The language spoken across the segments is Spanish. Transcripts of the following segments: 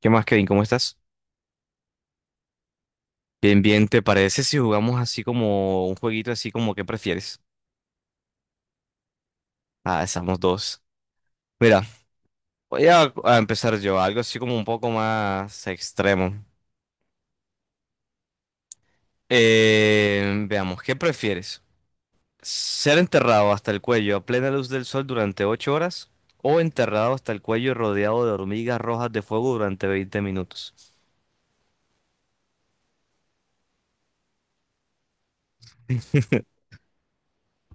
¿Qué más, Kevin? ¿Cómo estás? Bien, bien, ¿te parece si jugamos así como un jueguito así como qué prefieres? Ah, estamos dos. Mira, voy a empezar yo, algo así como un poco más extremo. Veamos, ¿qué prefieres? ¿Ser enterrado hasta el cuello a plena luz del sol durante 8 horas? ¿O enterrado hasta el cuello rodeado de hormigas rojas de fuego durante 20 minutos?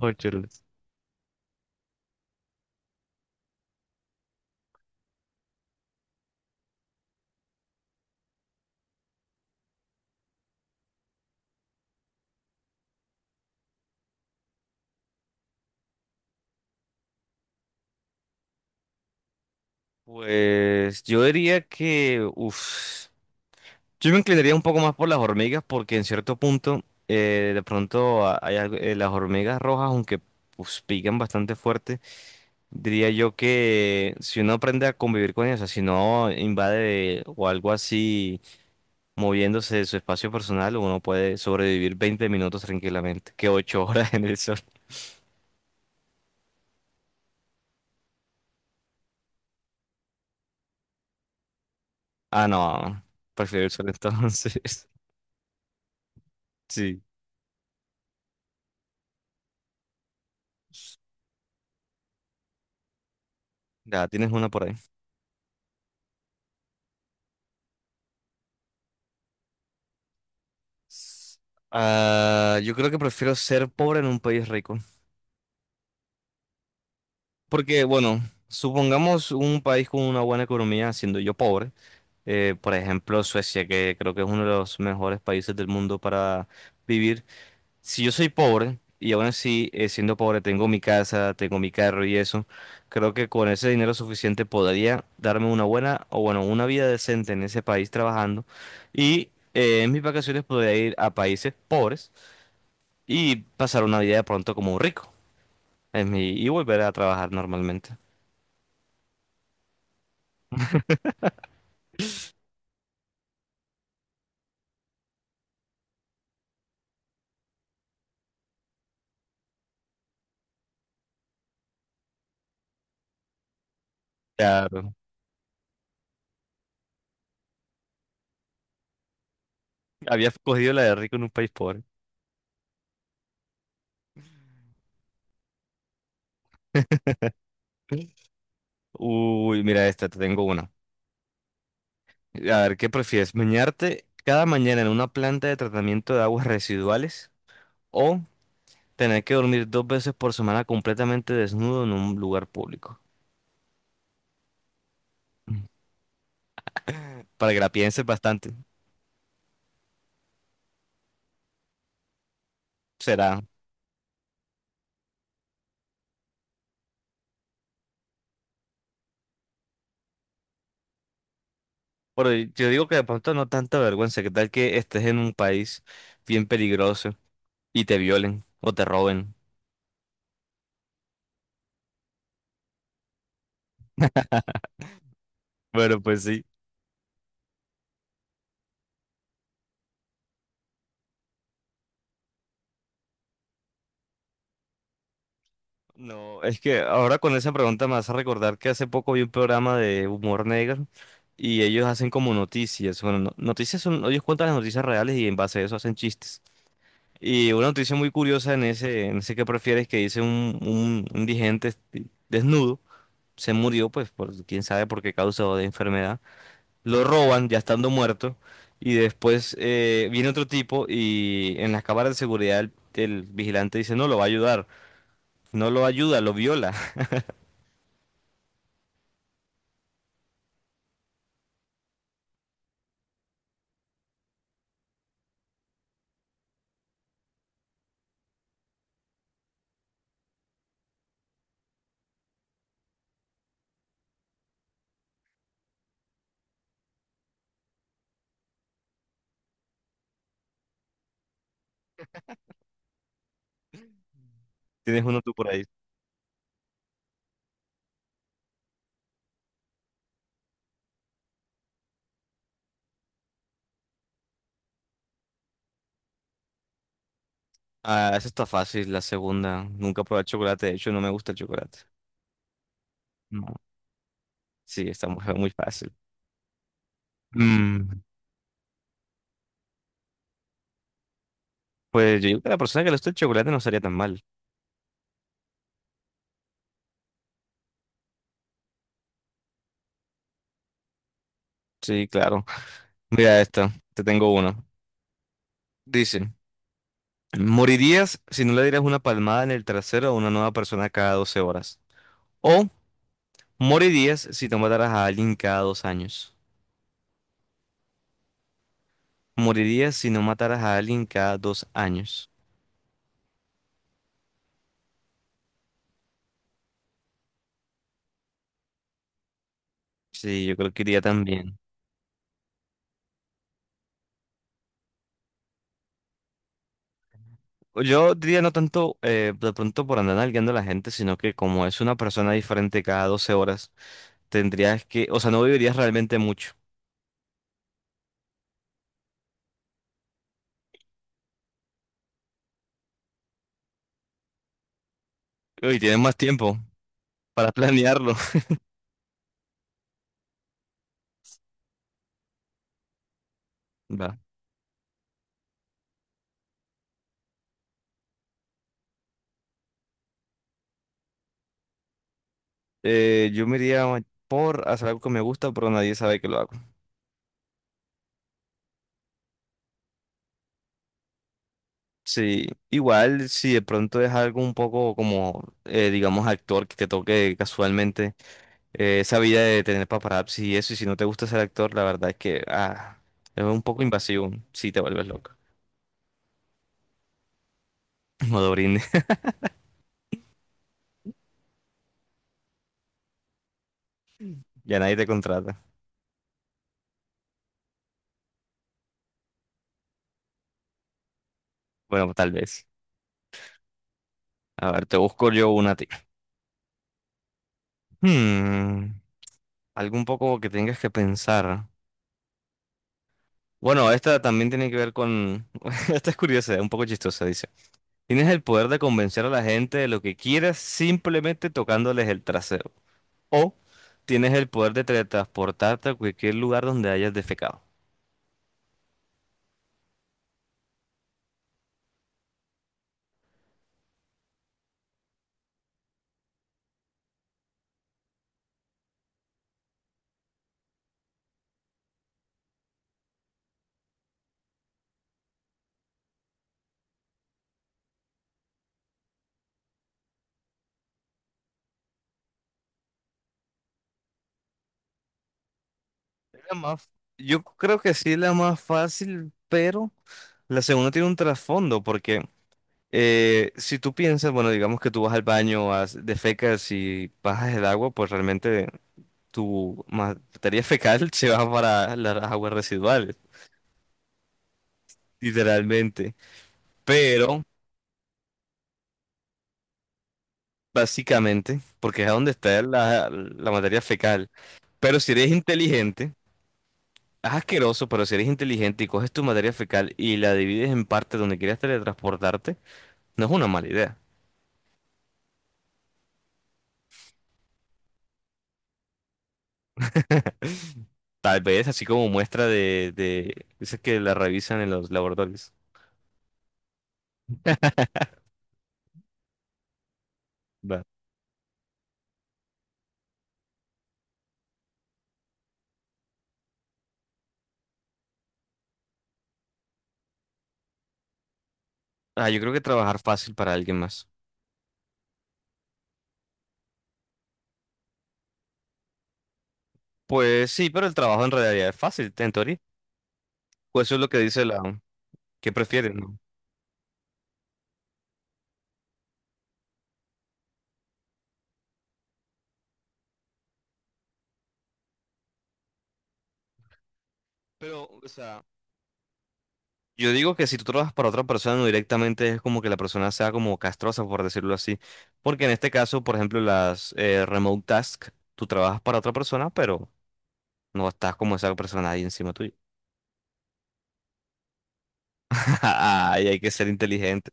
8 horas. Pues yo diría que, uff. Yo me inclinaría un poco más por las hormigas porque en cierto punto de pronto las hormigas rojas, aunque pues, pican bastante fuerte, diría yo que si uno aprende a convivir con ellas, o sea, si no invade o algo así moviéndose de su espacio personal, uno puede sobrevivir 20 minutos tranquilamente, que 8 horas en el sol. Ah, no, prefiero el sol entonces. Sí, ya tienes una por ahí. Ah, yo creo que prefiero ser pobre en un país rico. Porque, bueno, supongamos un país con una buena economía, siendo yo pobre, por ejemplo Suecia, que creo que es uno de los mejores países del mundo para vivir. Si yo soy pobre y aún así, siendo pobre, tengo mi casa, tengo mi carro y eso, creo que con ese dinero suficiente podría darme una buena, o bueno, una vida decente en ese país trabajando y en mis vacaciones podría ir a países pobres y pasar una vida de pronto como un rico en mi, y volver a trabajar normalmente. Claro. Había cogido la de rico en un país pobre. Uy, mira esta, te tengo una. A ver, ¿qué prefieres? ¿Bañarte cada mañana en una planta de tratamiento de aguas residuales o tener que dormir dos veces por semana completamente desnudo en un lugar público? Para que la pienses bastante, será. Pero yo digo que de pronto no tanta vergüenza, ¿qué tal que estés en un país bien peligroso y te violen o te roben? Bueno, pues sí. No, es que ahora con esa pregunta me hace recordar que hace poco vi un programa de humor negro y ellos hacen como noticias. Bueno, noticias son, ellos cuentan las noticias reales y en base a eso hacen chistes. Y una noticia muy curiosa en ese que prefieres que dice un indigente este, desnudo, se murió, pues por quién sabe por qué causa o de enfermedad. Lo roban ya estando muerto y después viene otro tipo y en las cámaras de seguridad el vigilante dice no, lo va a ayudar. No lo ayuda, lo viola. Tienes uno tú por ahí. Ah, esa está fácil, la segunda. Nunca probé el chocolate, de hecho no me gusta el chocolate. No. Sí, está muy, muy fácil. Mm, pues yo digo que a la persona que le gusta el chocolate no estaría tan mal. Sí, claro. Mira esta, te tengo uno. Dice, morirías si no le dieras una palmada en el trasero a una nueva persona cada 12 horas. O morirías si no mataras a alguien cada 2 años. Morirías si no mataras a alguien cada dos años. Sí, yo creo que iría también. Yo diría no tanto de pronto por andar nalgueando a la gente, sino que como es una persona diferente cada 12 horas, tendrías que, o sea, no vivirías realmente mucho. Y tienes más tiempo para planearlo. Va. Yo me iría por hacer algo que me gusta, pero nadie sabe que lo hago. Sí, igual si de pronto es algo un poco como, digamos, actor que te toque casualmente, esa vida de tener paparazzi y eso, y si no te gusta ser actor, la verdad es que es un poco invasivo si te vuelves loco. Modo. Ya nadie te contrata. Bueno, tal vez. A ver, te busco yo una a ti. Hmm, Algo un poco que tengas que pensar. Bueno, esta también tiene que ver con. Esta es curiosa, un poco chistosa, dice. Tienes el poder de convencer a la gente de lo que quieras simplemente tocándoles el trasero. O tienes el poder de teletransportarte a cualquier lugar donde hayas defecado. La más- Yo creo que sí es la más fácil, pero la segunda tiene un trasfondo porque. Si tú piensas, bueno, digamos que tú vas al baño, defecas y bajas el agua, pues realmente tu materia fecal se va para las aguas residuales, literalmente. Pero, básicamente, porque es a donde está la materia fecal. Pero si eres inteligente, es asqueroso, pero si eres inteligente y coges tu materia fecal y la divides en partes donde quieras teletransportarte, no es una mala idea. Tal vez así como muestra de. Dices que la revisan en los laboratorios. Va. Ah, yo creo que trabajar fácil para alguien más. Pues sí, pero el trabajo en realidad es fácil, en teoría. Pues eso es lo que dice la. ¿Qué prefieres? ¿no? Pero, o sea, yo digo que si tú trabajas para otra persona no directamente es como que la persona sea como castrosa, por decirlo así. Porque en este caso, por ejemplo, las remote tasks, tú trabajas para otra persona, pero no estás como esa persona ahí encima tuyo. Ay, hay que ser inteligente,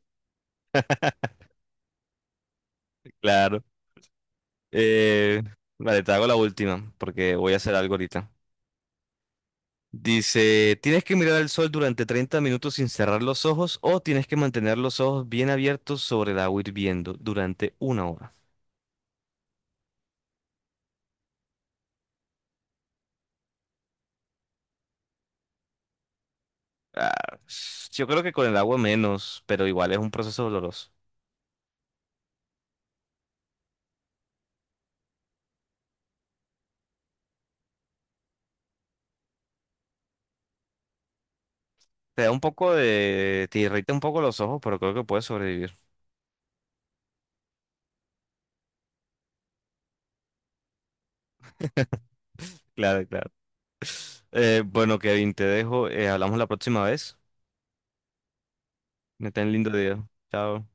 claro. Eh, vale, te hago la última, porque voy a hacer algo ahorita. Dice, ¿tienes que mirar al sol durante 30 minutos sin cerrar los ojos o tienes que mantener los ojos bien abiertos sobre el agua hirviendo durante 1 hora? Ah, yo creo que con el agua menos, pero igual es un proceso doloroso. Te da un poco de. Te irrita un poco los ojos, pero creo que puedes sobrevivir. Claro, claro. Bueno, Kevin, te dejo. Hablamos la próxima vez. Me ten lindo día. Chao.